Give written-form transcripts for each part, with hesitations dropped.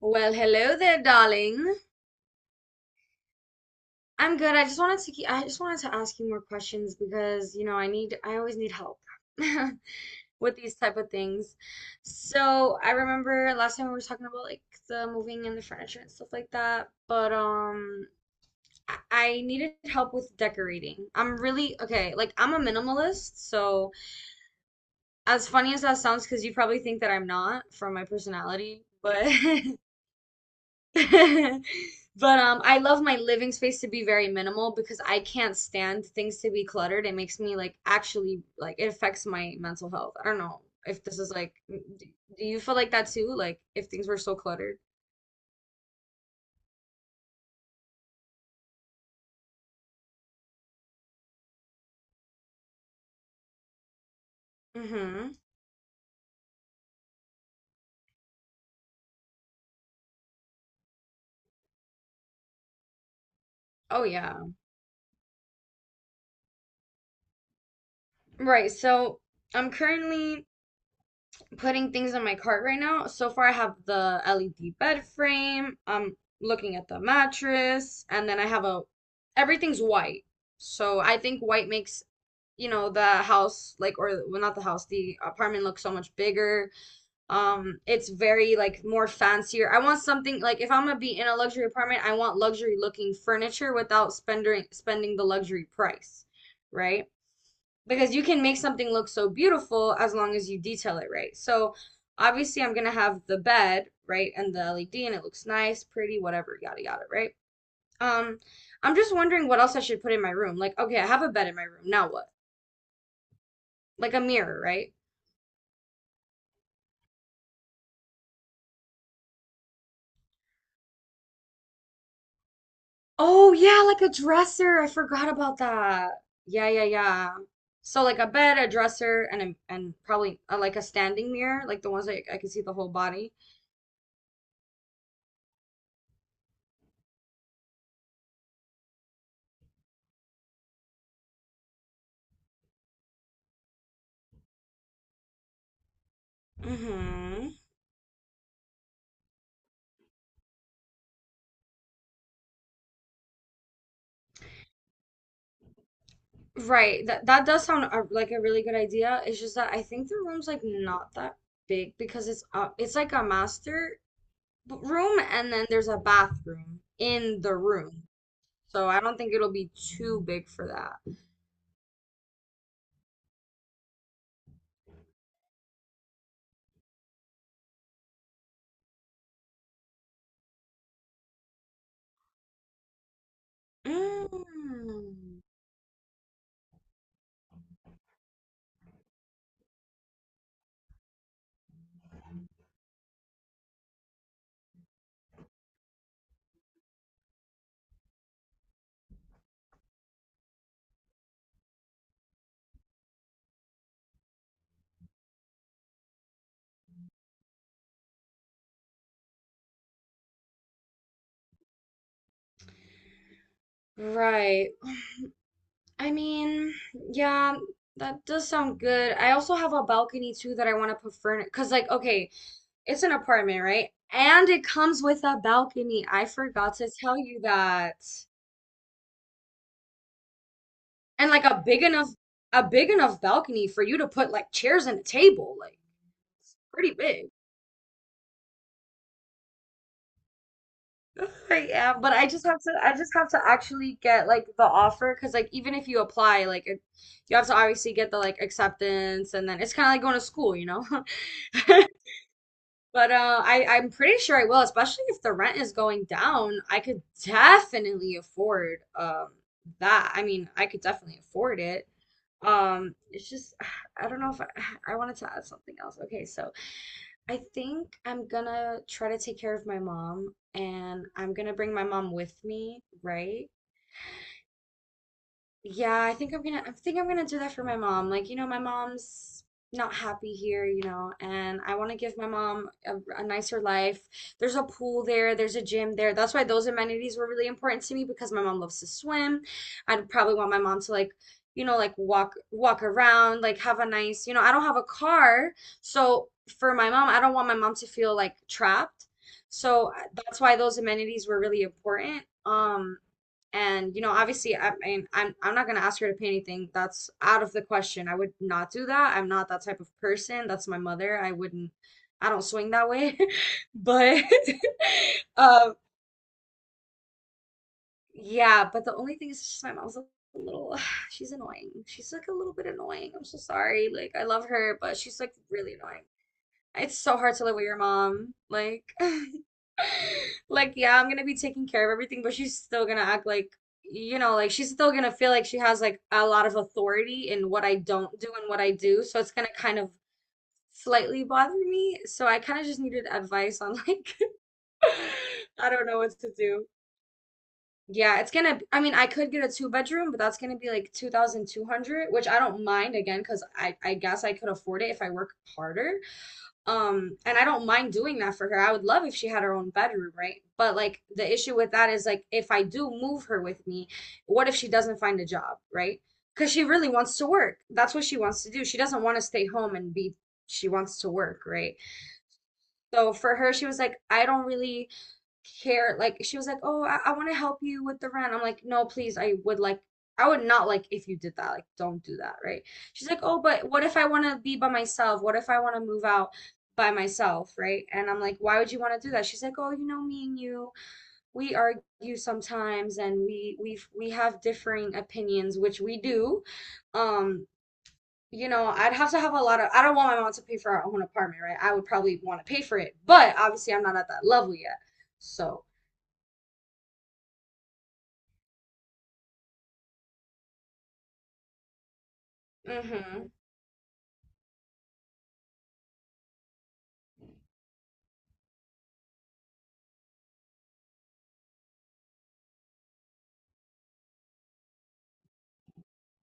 Well, hello there, darling. I'm good. I just wanted to ask you more questions because, you know, I always need help with these type of things. So, I remember last time we were talking about like the moving and the furniture and stuff like that, but I needed help with decorating. I'm really okay, like I'm a minimalist, so as funny as that sounds, because you probably think that I'm not from my personality, but But I love my living space to be very minimal because I can't stand things to be cluttered. It makes me actually like it affects my mental health. I don't know if this is like, do you feel like that too? Like if things were so cluttered? Mm-hmm. Oh yeah. Right. So I'm currently putting things in my cart right now. So far I have the LED bed frame. I'm looking at the mattress, and then I have a everything's white. So I think white makes, you know, the house like, or well, not the house, the apartment looks so much bigger. It's very like more fancier. I want something like, if I'm gonna be in a luxury apartment, I want luxury looking furniture without spending the luxury price. Right, because you can make something look so beautiful as long as you detail it right. So obviously I'm gonna have the bed, right? And the LED, and it looks nice, pretty, whatever, yada yada, right? um I'm just wondering what else I should put in my room. Like, okay, I have a bed in my room, now what? Like a mirror, right? Oh yeah, like a dresser. I forgot about that. Yeah, yeah, yeah. So like a bed, a dresser, and and probably like a standing mirror, like the ones that I can see the whole body. Hmm. Right. That that does sound like a really good idea. It's just that I think the room's like not that big because it's like a master room, and then there's a bathroom in the room. So I don't think it'll be too big for that. Mm. Right. I mean, yeah, that does sound good. I also have a balcony too that I want to put furniture, because, like, okay, it's an apartment, right? And it comes with a balcony. I forgot to tell you that. And a big enough balcony for you to put like chairs and a table. Like, it's pretty big. Yeah, but I just have to actually get like the offer, because like even if you apply, like it, you have to obviously get the like acceptance, and then it's kind of like going to school, you know? But I'm pretty sure I will, especially if the rent is going down. I could definitely afford that. I mean, I could definitely afford it. It's just I don't know if I, I wanted to add something else. Okay, so I think I'm gonna try to take care of my mom, and I'm gonna bring my mom with me, right? Yeah, I think I'm gonna do that for my mom. Like, you know, my mom's not happy here, you know, and I want to give my a nicer life. There's a pool there, there's a gym there. That's why those amenities were really important to me, because my mom loves to swim. I'd probably want my mom to like, you know, like walk around, like have a nice, you know, I don't have a car, so for my mom, I don't want my mom to feel like trapped. So that's why those amenities were really important. And you know, obviously, I mean, I'm not gonna ask her to pay anything. That's out of the question. I would not do that. I'm not that type of person. That's my mother. I wouldn't. I don't swing that way. But um, yeah. But the only thing is, just my mom's a little. She's annoying. She's like a little bit annoying. I'm so sorry. Like I love her, but she's like really annoying. It's so hard to live with your mom. Like. Like, yeah, I'm gonna be taking care of everything, but she's still gonna act like, you know, like she's still gonna feel like she has like a lot of authority in what I don't do and what I do. So it's gonna kind of slightly bother me. So I kind of just needed advice on like, I don't know what to do. Yeah, it's gonna, I mean, I could get a two bedroom, but that's gonna be like 2,200, which I don't mind again, because I guess I could afford it if I work harder. And I don't mind doing that for her. I would love if she had her own bedroom, right? But like the issue with that is like if I do move her with me, what if she doesn't find a job, right? Because she really wants to work. That's what she wants to do. She doesn't want to stay home and be, she wants to work, right? So for her, she was like, I don't really care. Like she was like, "Oh, I want to help you with the rent." I'm like, "No, please. I would not like if you did that. Like don't do that, right?" She's like, "Oh, but what if I want to be by myself? What if I want to move out by myself, right?" And I'm like, "Why would you want to do that?" She's like, "Oh, you know, me and you, we argue sometimes and we have differing opinions, which we do." Um You know, I'd have to have a lot of, I don't want my mom to pay for our own apartment, right? I would probably want to pay for it, but obviously I'm not at that level yet. So, mm-hmm.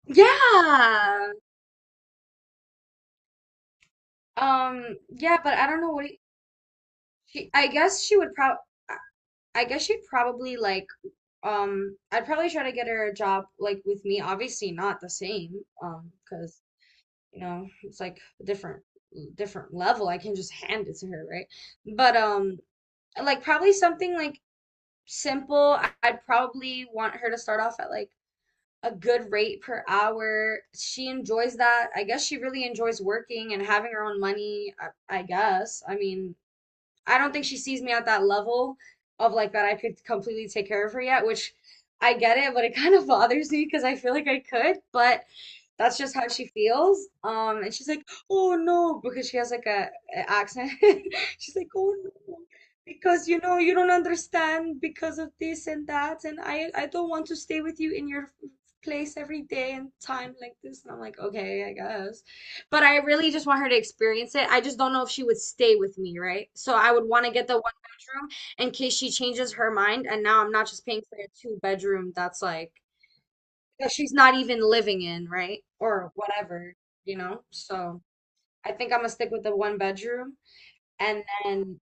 Yeah. Yeah, but I don't know what he, she I guess she would prob I I guess she'd probably like I'd probably try to get her a job like with me. Obviously not the same, because you know, it's like a different level. I can just hand it to her, right? But like probably something like simple. I'd probably want her to start off at like a good rate per hour. She enjoys that. I guess she really enjoys working and having her own money. I guess. I mean, I don't think she sees me at that level of like that I could completely take care of her yet, which I get it, but it kind of bothers me because I feel like I could, but that's just how she feels. And she's like, "Oh no," because she has like a accent. She's like, "Oh no." Because you know you don't understand because of this and that, and I don't want to stay with you in your place every day and time like this. And I'm like, okay, I guess. But I really just want her to experience it. I just don't know if she would stay with me, right? So I would want to get the one bedroom in case she changes her mind. And now I'm not just paying for a two-bedroom that's like that she's not even living in, right? Or whatever, you know? So I think I'm gonna stick with the one bedroom. And then,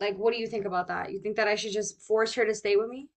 like, what do you think about that? You think that I should just force her to stay with me?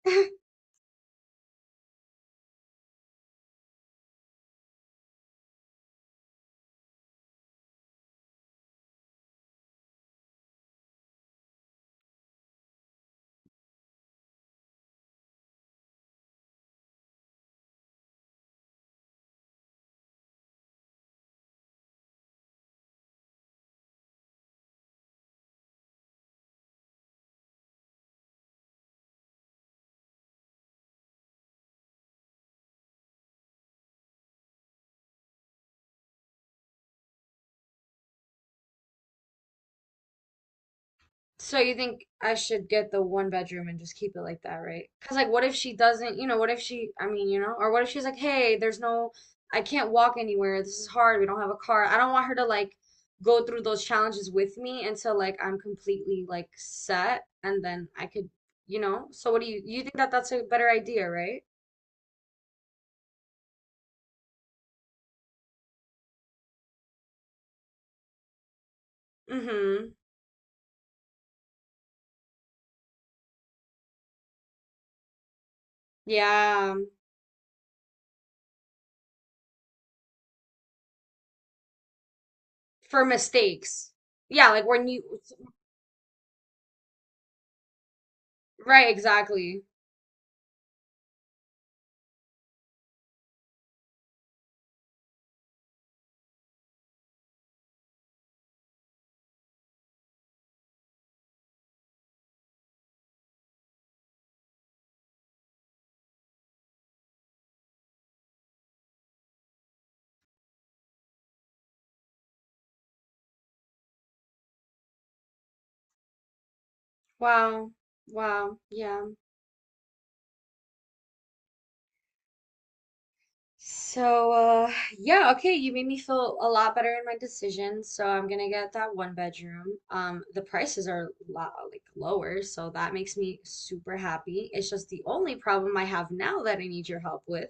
So you think I should get the one bedroom and just keep it like that, right? Because like, what if she doesn't? You know, what if she? I mean, you know, or what if she's like, hey, there's no, I can't walk anywhere. This is hard. We don't have a car. I don't want her to like go through those challenges with me until like I'm completely like set, and then I could, you know. So what do you think that that's a better idea, right? Mm-hmm. Yeah. For mistakes. Yeah, like when you, right, exactly. Wow. Wow. Yeah. So, yeah, okay, you made me feel a lot better in my decision. So I'm gonna get that one bedroom. The prices are a lot like lower, so that makes me super happy. It's just the only problem I have now that I need your help with,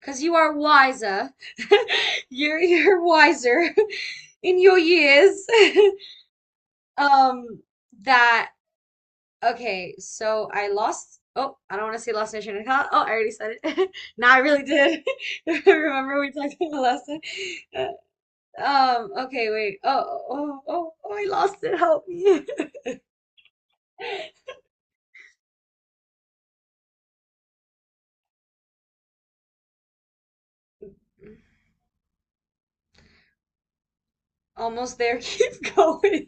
because you are wiser. You're wiser in your years. Um, that. Okay, so I lost. Oh, I don't want to say lost my train of thought. Oh, I already said it. No, I really did. Remember we talked about last time. Uh, Um. Okay. Wait. Oh. Oh. Oh. Oh. I lost it. Help me. Almost there. Keep going.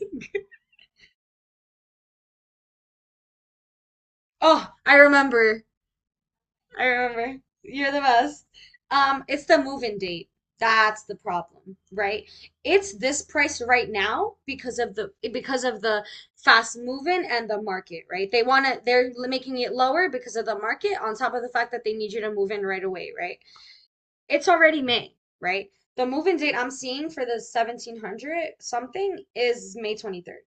Oh, I remember. I remember. You're the best. It's the move-in date. That's the problem, right? It's this price right now because of the fast move-in and the market, right? They want to They're making it lower because of the market on top of the fact that they need you to move in right away, right? It's already May, right? The move-in date I'm seeing for the 1700 something is May 23rd,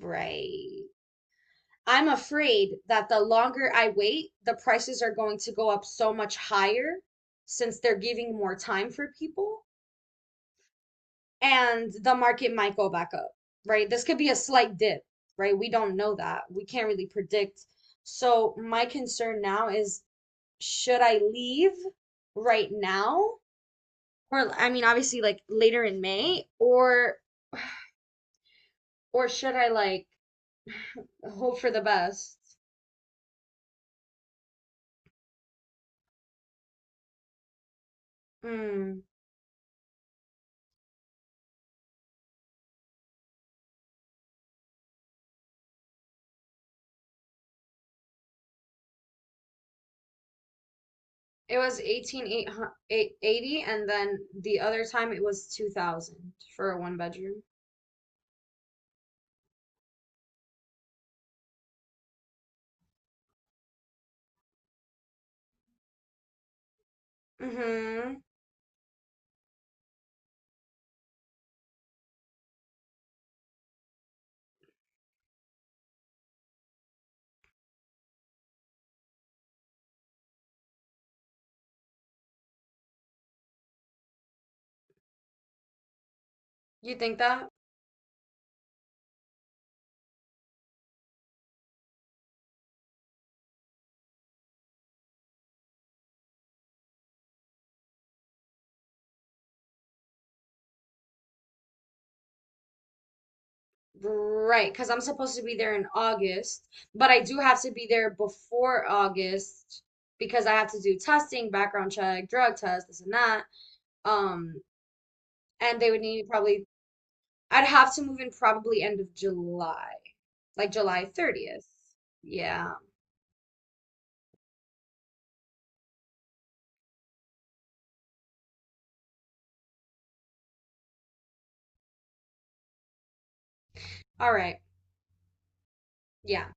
right? I'm afraid that the longer I wait, the prices are going to go up so much higher, since they're giving more time for people, and the market might go back up, right? This could be a slight dip, right? We don't know that. We can't really predict. So my concern now is, should I leave right now? Or I mean, obviously like later in May, or should I like hope for the best? Hmm. It was 1880 and then the other time it was 2000 for a one bedroom. Hmm. You think that? Right, because I'm supposed to be there in August, but I do have to be there before August because I have to do testing, background check, drug test, this and that. Um, and they would need probably, I'd have to move in probably end of July, like July 30th. Yeah. All right. Yeah.